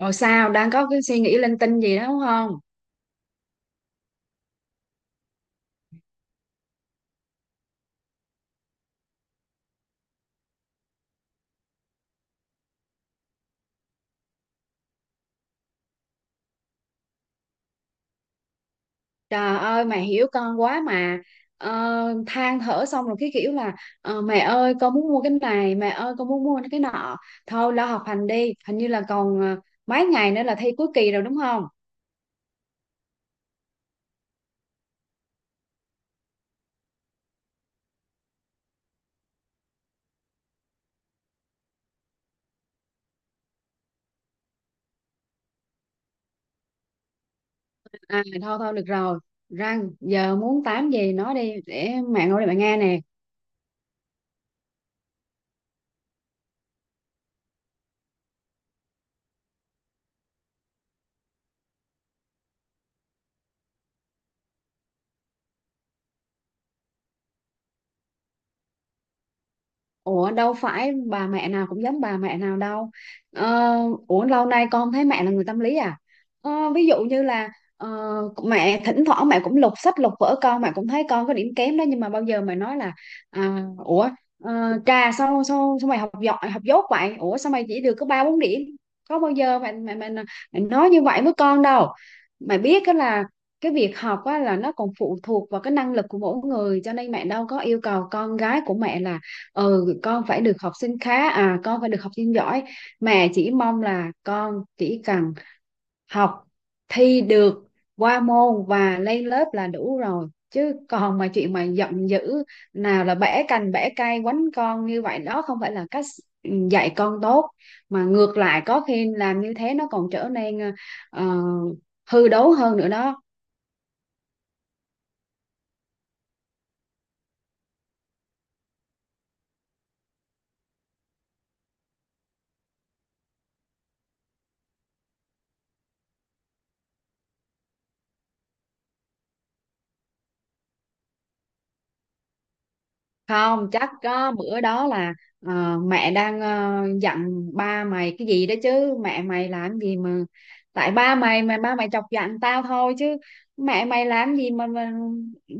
Rồi sao đang có cái suy nghĩ linh tinh gì đó đúng không? Trời ơi mẹ hiểu con quá mà. ờ, Than thở xong rồi cái kiểu là mẹ ơi con muốn mua cái này, mẹ ơi con muốn mua cái nọ. Thôi lo học hành đi, hình như là còn mấy ngày nữa là thi cuối kỳ rồi đúng không? À thôi thôi được rồi, răng giờ muốn tám gì nói đi, để mẹ ngồi, để mẹ nghe nè. Ủa đâu phải bà mẹ nào cũng giống bà mẹ nào đâu. Ờ, Ủa lâu nay con thấy mẹ là người tâm lý à. Ví dụ như là ờ, mẹ thỉnh thoảng mẹ cũng lục sách lục vở con, mẹ cũng thấy con có điểm kém đó. Nhưng mà bao giờ mẹ nói là à, Ủa ờ, trà sao, sao, sao mày học giỏi học dốt vậy? Ủa sao mày chỉ được có ba bốn điểm? Có bao giờ mẹ nói như vậy với con đâu. Mẹ biết đó là cái việc học á, là nó còn phụ thuộc vào cái năng lực của mỗi người, cho nên mẹ đâu có yêu cầu con gái của mẹ là ừ con phải được học sinh khá, à con phải được học sinh giỏi. Mẹ chỉ mong là con chỉ cần học, thi được qua môn và lên lớp là đủ rồi, chứ còn mà chuyện mà giận dữ nào là bẻ cành bẻ cây quánh con như vậy đó không phải là cách dạy con tốt. Mà ngược lại có khi làm như thế nó còn trở nên ờ, hư đốn hơn nữa đó. Không chắc có bữa đó là mẹ đang dặn ba mày cái gì đó, chứ mẹ mày làm gì mà, tại ba mày mà ba mày chọc giận tao thôi, chứ mẹ mày làm gì mà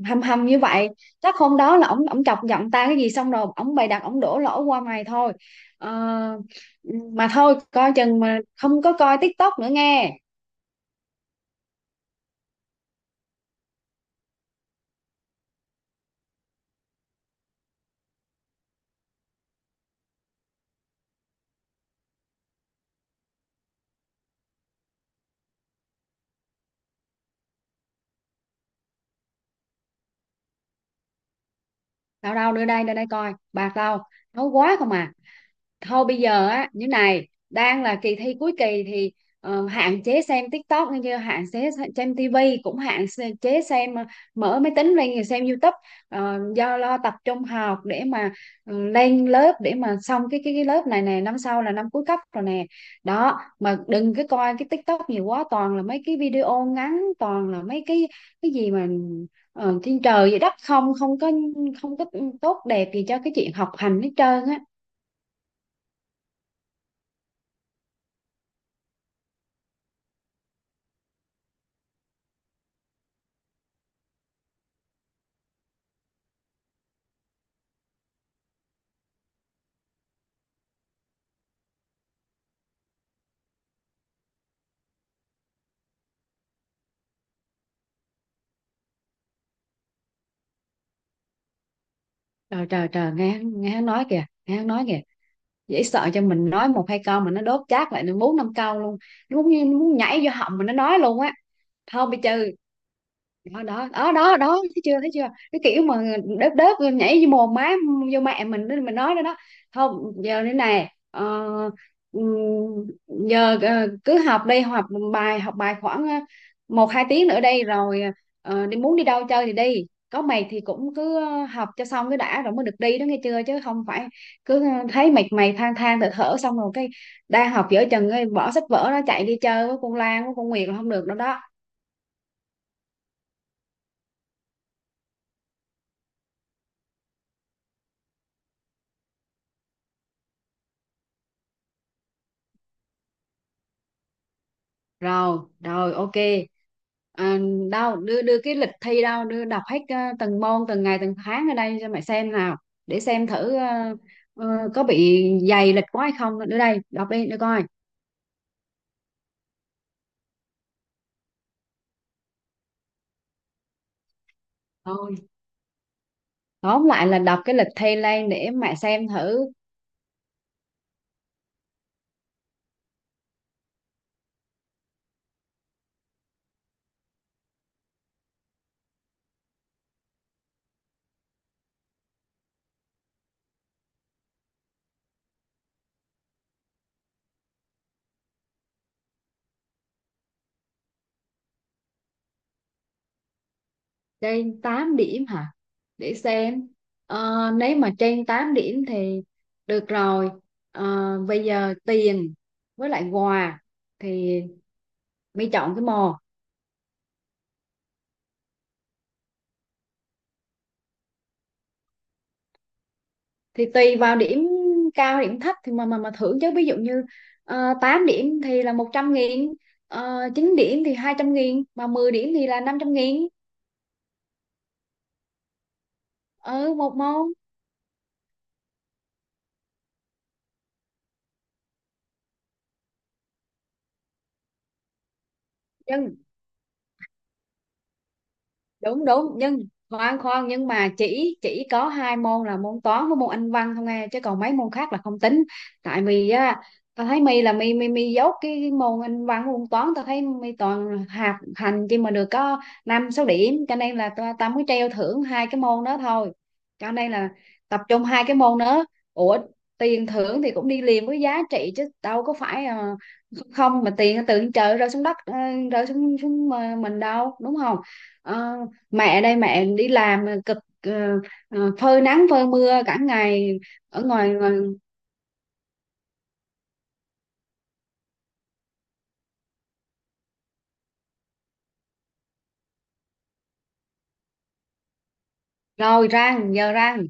hầm hầm như vậy. Chắc hôm đó là ổng ổng chọc giận tao cái gì xong rồi ổng bày đặt ổng đổ lỗi qua mày thôi. Ờ, mà thôi coi chừng, mà không có coi TikTok nữa nghe. Đâu đâu, đưa đây coi bạc đâu, nấu quá không à. Thôi bây giờ á, như này đang là kỳ thi cuối kỳ thì hạn chế xem TikTok nghe chưa, hạn chế xem TV, cũng hạn chế xem, mở máy tính lên rồi xem YouTube. Do lo tập trung học, để mà lên lớp, để mà xong cái lớp này nè, năm sau là năm cuối cấp rồi nè. Đó mà đừng cái coi cái TikTok nhiều quá, toàn là mấy cái video ngắn, toàn là mấy cái gì mà trên trời vậy đất, không không có, không có tốt đẹp gì cho cái chuyện học hành hết trơn á. Trời trời trời, nghe hắn nói kìa, nghe hắn nói kìa, dễ sợ cho mình nói một hai câu mà nó đốt chát lại được bốn năm câu luôn. Nó muốn nhảy vô họng mà nó nói luôn á. Thôi bây giờ, đó đó đó đó đó thấy chưa, thấy chưa, cái kiểu mà đớp đớp nhảy vô mồm má, vô mẹ mình đó, mình nói đó đó. Không giờ thế này ừm, giờ cứ học đi, học bài, học bài khoảng một hai tiếng nữa đây rồi đi, muốn đi đâu chơi thì đi. Có mày thì cũng cứ học cho xong cái đã rồi mới được đi đó nghe chưa, chứ không phải cứ thấy mệt mày than thở thở xong rồi cái đang học dở chừng ấy, bỏ sách vở nó chạy đi chơi với con Lan với con Nguyệt là không được đâu đó. Rồi rồi, ok. à, Đâu đưa đưa cái lịch thi đâu, đưa đọc hết từng môn từng ngày từng tháng ở đây cho mày xem nào, để xem thử ờ, có bị dày lịch quá hay không, nữa đây đọc đi để coi. Thôi tóm lại là đọc cái lịch thi lên để mẹ xem thử trên 8 điểm hả. Để xem. Nếu mà trên 8 điểm thì được rồi. Bây giờ tiền với lại quà thì mi chọn cái mò. Thì tùy vào điểm cao điểm thấp thì mà thưởng chứ, ví dụ như 8 điểm thì là 100.000, uh, 9 điểm thì 200.000, mà 10 điểm thì là 500.000. Ừ một môn. Dân đúng đúng, nhưng khoan khoan, nhưng mà chỉ có hai môn là môn toán với môn anh văn không nghe, chứ còn mấy môn khác là không tính. Tại vì á tao thấy mi là mi mi mi dốt cái môn anh văn môn toán, tao thấy mi toàn hạt hành chỉ mà được có năm sáu điểm, cho nên là tao tao mới treo thưởng hai cái môn đó thôi, cho nên là tập trung hai cái môn đó. Ủa tiền thưởng thì cũng đi liền với giá trị chứ, đâu có phải không, mà tiền từ trên trời rơi xuống đất, rơi xuống xuống mình đâu đúng không. Ờ, Mẹ đây mẹ đi làm cực, phơi nắng phơi mưa cả ngày ở ngoài. Rồi răng giờ răng.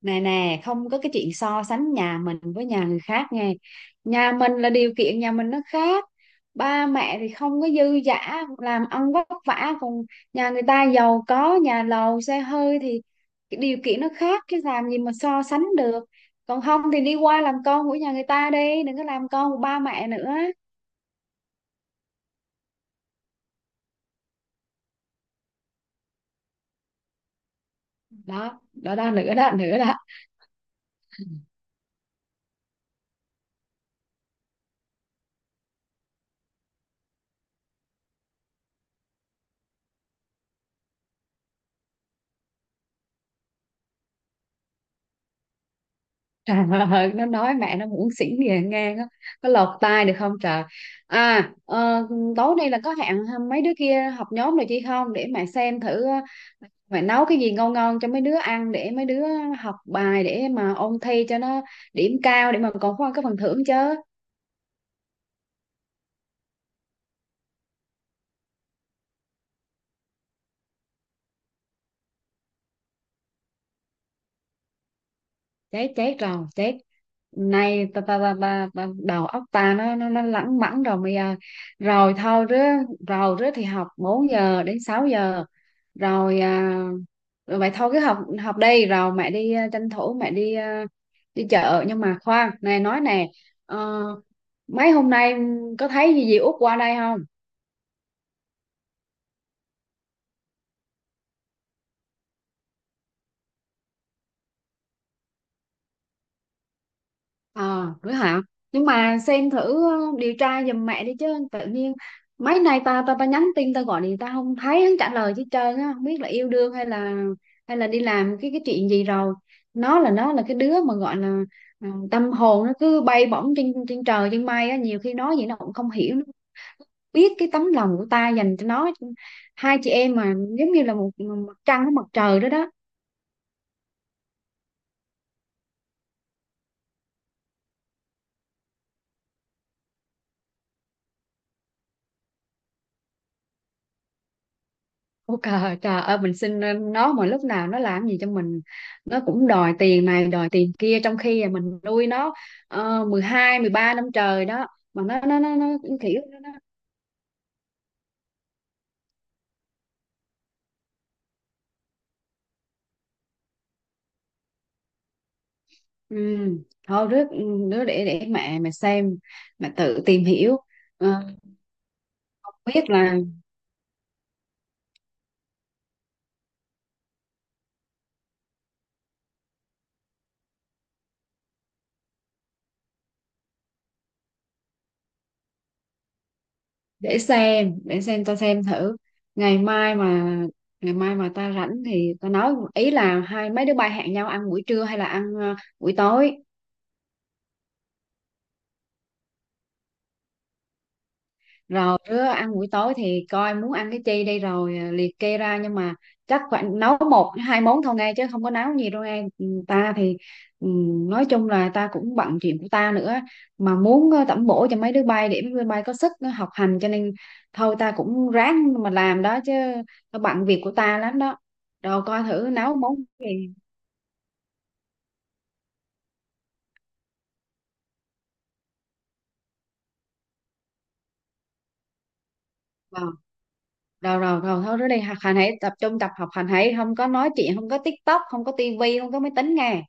Nè nè, không có cái chuyện so sánh nhà mình với nhà người khác nghe, nhà mình là điều kiện nhà mình nó khác, ba mẹ thì không có dư dả làm ăn vất vả, còn nhà người ta giàu có nhà lầu xe hơi thì cái điều kiện nó khác, chứ làm gì mà so sánh được. Còn không thì đi qua làm con của nhà người ta đi, đừng có làm con của ba mẹ nữa. Đó đó đó, nữa đó, nữa đó. Trời ơi nó nói mẹ nó muốn xỉn về ngang á, có lọt tai được không trời. à ờ, Tối nay là có hẹn mấy đứa kia học nhóm rồi chị không, để mẹ xem thử mẹ nấu cái gì ngon ngon cho mấy đứa ăn, để mấy đứa học bài, để mà ôn thi cho nó điểm cao, để mà còn có cái phần thưởng chứ. Chết chết rồi chết, nay ta đầu óc ta nó lẳng mẳng rồi mày ơi. Rồi thôi rứa, rồi rứa thì học 4 giờ đến 6 giờ rồi. Rồi vậy thôi cứ học. Học đi rồi mẹ đi, tranh thủ mẹ đi đi chợ. Nhưng mà khoan này nói nè, ờ, mấy hôm nay có thấy gì dì Út qua đây không? Ờ, Nữa hả? Nhưng mà xem thử điều tra giùm mẹ đi chứ, tự nhiên mấy nay ta ta ta nhắn tin ta gọi thì ta không thấy hắn trả lời chứ trời, nó không biết là yêu đương hay là, hay là đi làm cái chuyện gì rồi. Nó là cái đứa mà gọi là tâm hồn nó cứ bay bổng trên trên trời trên mây á, nhiều khi nói gì nó cũng không hiểu, nó biết cái tấm lòng của ta dành cho nó. Hai chị em mà giống như là một mặt trăng với mặt trời đó đó. Ủa trời, trời ơi, mình xin nó mà lúc nào nó làm gì cho mình nó cũng đòi tiền này đòi tiền kia, trong khi là mình nuôi nó 12 13 năm trời đó, mà nó cũng kiểu nó. Ừ. Thôi rước đứa để mẹ mà xem, mà tự tìm hiểu. Ờ, Không biết là. Để xem tao xem thử, ngày mai mà ngày mai mà ta rảnh thì tao nói ý là hai mấy đứa bay hẹn nhau ăn buổi trưa hay là ăn buổi tối. Rồi đứa ăn buổi tối thì coi muốn ăn cái chi đi, rồi liệt kê ra, nhưng mà chắc khoảng nấu một hai món thôi nghe, chứ không có nấu nhiều đâu ngay. Ta thì ừ, nói chung là ta cũng bận chuyện của ta nữa, mà muốn tẩm bổ cho mấy đứa bay để mấy đứa bay có sức nó học hành, cho nên thôi ta cũng ráng mà làm đó chứ, ta bận việc của ta lắm đó. Rồi coi thử nấu món gì. Ờ rồi rồi rồi thôi, đó đi học hành hãy tập trung tập, học hành hãy, không có nói chuyện, không có TikTok, không có tivi, không có máy tính nghe.